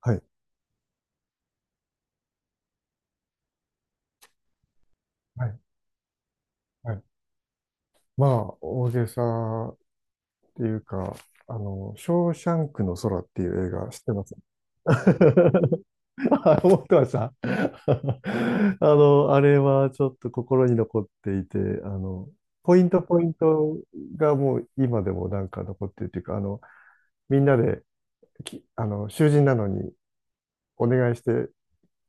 はい。はい。はい。まあ、大げさっていうか、ショーシャンクの空っていう映画知ってます あ思ってました。あれはちょっと心に残っていて、ポイントポイントがもう今でもなんか残ってるっていうか、みんなでき、あの、囚人なのにお願いして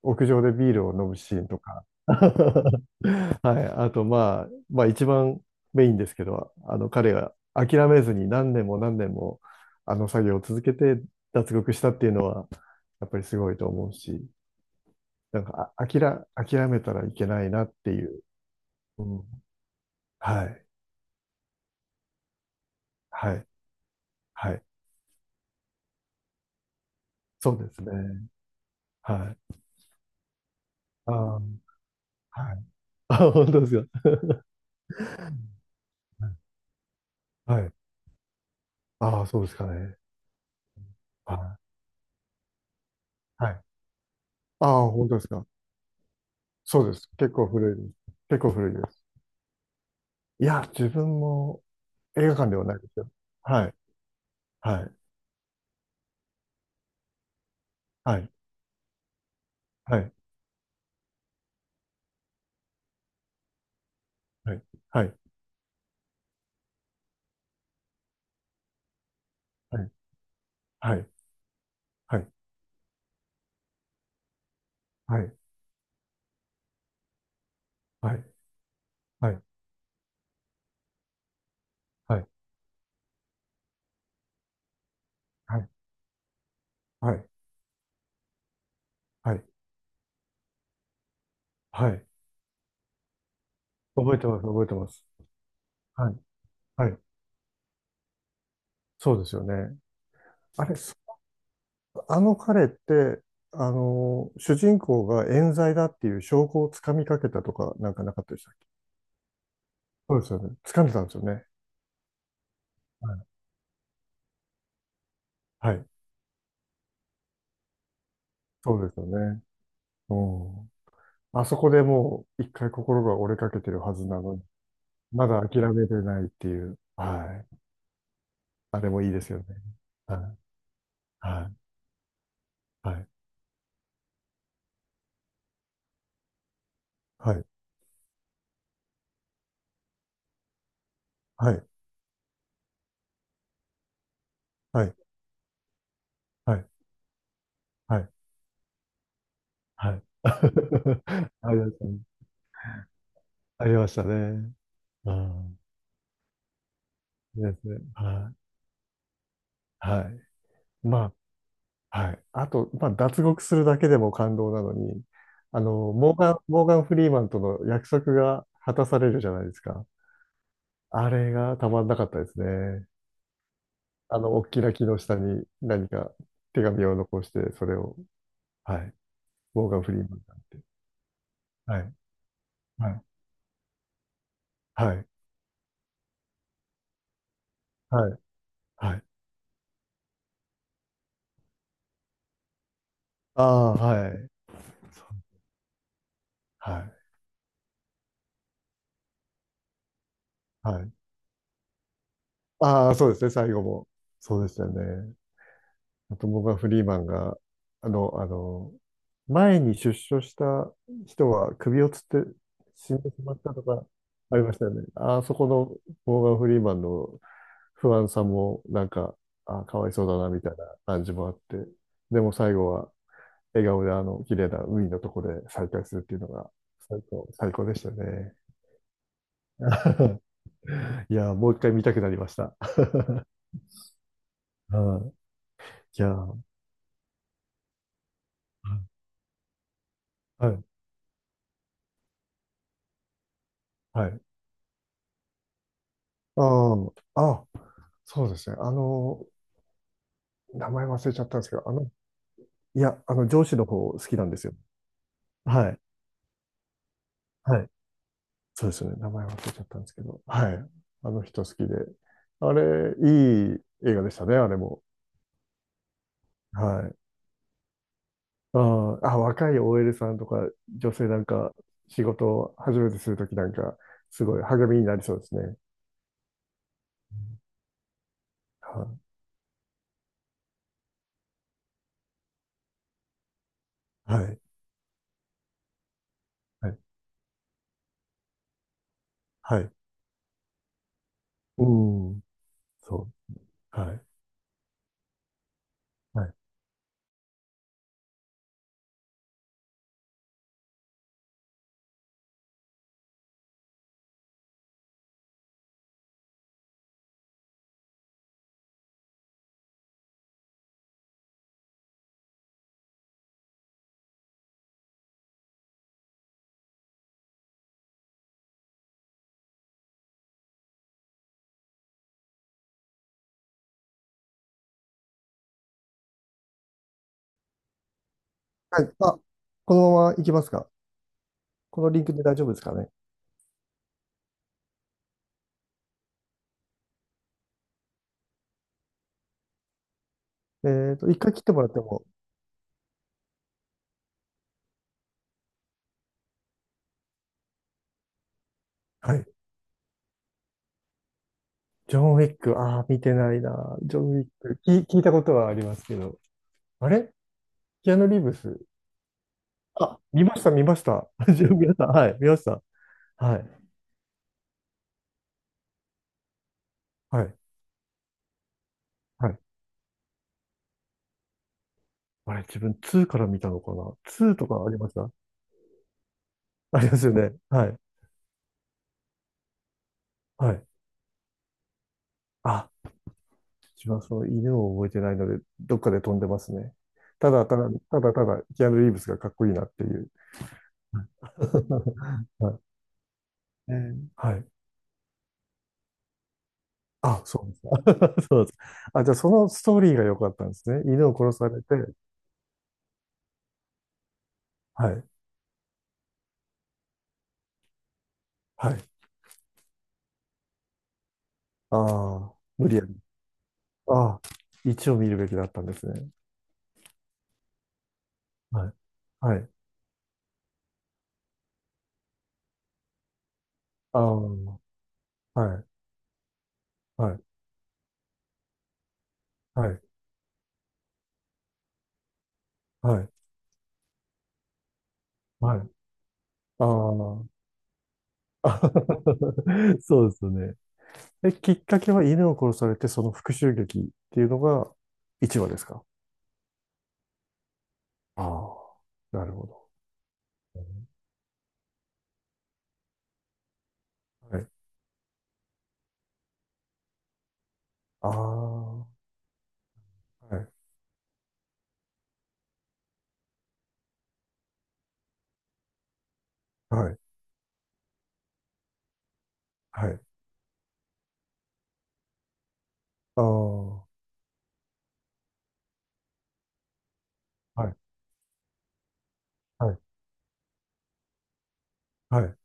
屋上でビールを飲むシーンとか。はい。あと、まあ、一番メインですけど、彼が諦めずに何年も何年も、あの作業を続けて脱獄したっていうのは、やっぱりすごいと思うし、なんか、あ、諦めたらいけないなっていう。うん。はい。はい。はい。そうですね。はい。ああ、はい。あ、本当ですか？はい。ああ、そうですかね。はい。はい。ああ、本当ですか？そうです。結構古いです。結構古いです。いや、自分も、映画館ではないですよ。はい、はい、はい、はい、はい、はい、はい、はい、はい、はい、はい、はい、はい、はい、はい、はい、覚えてます、覚えてます。はい、はい、そうですよね。あれ、あの彼って、主人公が冤罪だっていう証拠をつかみかけたとか、なんかなかったでしたっけ？そうですよね。つかんでたんですよね。はい、はい、そうですよね。うん。あそこでもう一回心が折れかけてるはずなのに。まだ諦めてないっていう。はい。あれもいいですよね。はい。はい。はい。はい。はい。はい。はい。はい。はい。ありましたね。ありましたね。うん。ですね。はい。はい。まあ、はい。あと、まあ、脱獄するだけでも感動なのに、モーガン・フリーマンとの約束が果たされるじゃないですか。あれがたまんなかったですね。大きな木の下に何か手紙を残して、それを、はい。モーガン・フリーマンさんって。はい。はい。はい。はい。はい。ああ、はい。そうはい。はい。ああ、そうですね。最後も。そうですよね。あと、モーガン・フリーマンが、あの、あの、前に出所した人は首をつって死んでしまったとかありましたよね。あそこのモーガン・フリーマンの不安さも、なんか、あ、かわいそうだな、みたいな感じもあって。でも最後は、笑顔で綺麗な海のところで再会するっていうのが、最高、最高でしたね。いやー、もう一回見たくなりました。はい。いやー、はい、はい。ああ、あ、そうですね。名前忘れちゃったんですけど、上司の方好きなんですよ。はい、はい。そうですよね。名前忘れちゃったんですけど、はい。あの人好きで。あれ、いい映画でしたね、あれも。はい。あーあ、若い OL さんとか女性なんか仕事を初めてするときなんかすごい励みになりそうですね。ははい。はい。はい。うん。そう。はい。はい。はい。あ、このまま行きますか？このリンクで大丈夫ですかね？一回切ってもらっても。はい。ジョン・ウィック、ああ、見てないな。ジョン・ウィック、聞いたことはありますけど。あれキアヌ・リーブス。あ、見ました、見ました。ジョン・ウィックはい、見ました。はい。はい。はい。あれ、自分2から見たのかな ?2 とかありましたありますよね。はい。はい。あ、自分はその犬を覚えてないので、どっかで飛んでますね。ただ、キアヌ・リーブスがかっこいいなっていう。はい。はい。あ、そうですか？そうです。あ、じゃあそのストーリーが良かったんですね。犬を殺されて、はい。はい。ああ、無理やり。ああ、一を見るべきだったんですね。はい。はい。ああ、はい。はい。はい。はい。はい。ああ。あ そうですよね。え、きっかけは犬を殺されて、その復讐劇っていうのが一話ですか？ああなるほど。うんはい。ああ、はい、はい、はい。ああ、はい、はい、はい。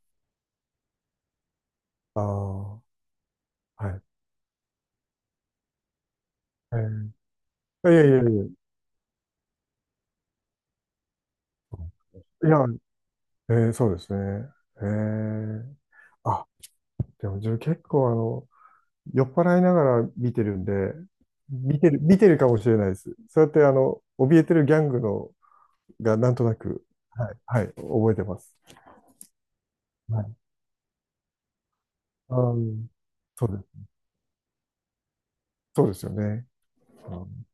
ああ、はい。えー、いやいやいやいや、いや、そうですね。えー、あ、でも自分結構酔っ払いながら見てるんで、見てるかもしれないです。そうやって怯えてるギャングのがなんとなく、はい、はい、覚えてます。はい。あーそうです。そうですよね。うん、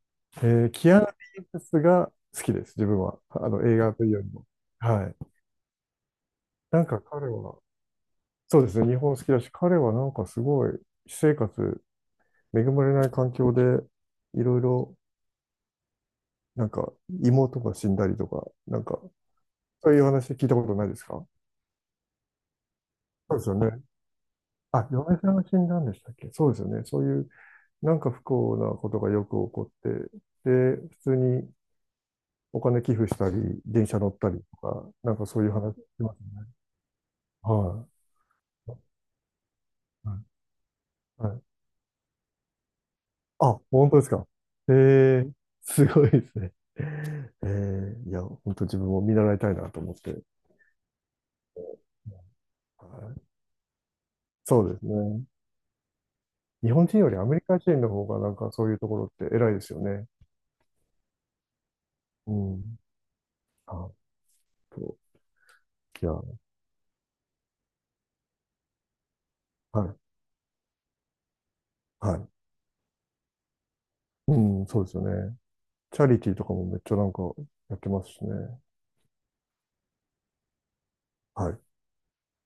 キアラ・リーブスが好きです、自分は。映画というよりも。はい。なんか彼は、そうですね、日本好きだし、彼はなんかすごい、私生活、恵まれない環境で、いろいろ、なんか、妹が死んだりとか、なんか、そういう話聞いたことないですか？そうですよね。あ、嫁さんが死んだんでしたっけ？そうですよね。そういうなんか不幸なことがよく起こって、で、普通にお金寄付したり、電車乗ったりとか、なんかそういう話してますね。はい。はいはいあ、本当ですか？えーすごいですね。えいや、本当自分も見習いたいなと思って。はい、そうですね。日本人よりアメリカ人の方がなんかそういうところって偉いですよね。うん。あと、いや、はい、はい。うん、そうですよね。チャリティーとかもめっちゃなんかやってますしね。はい。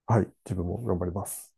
はい。自分も頑張ります。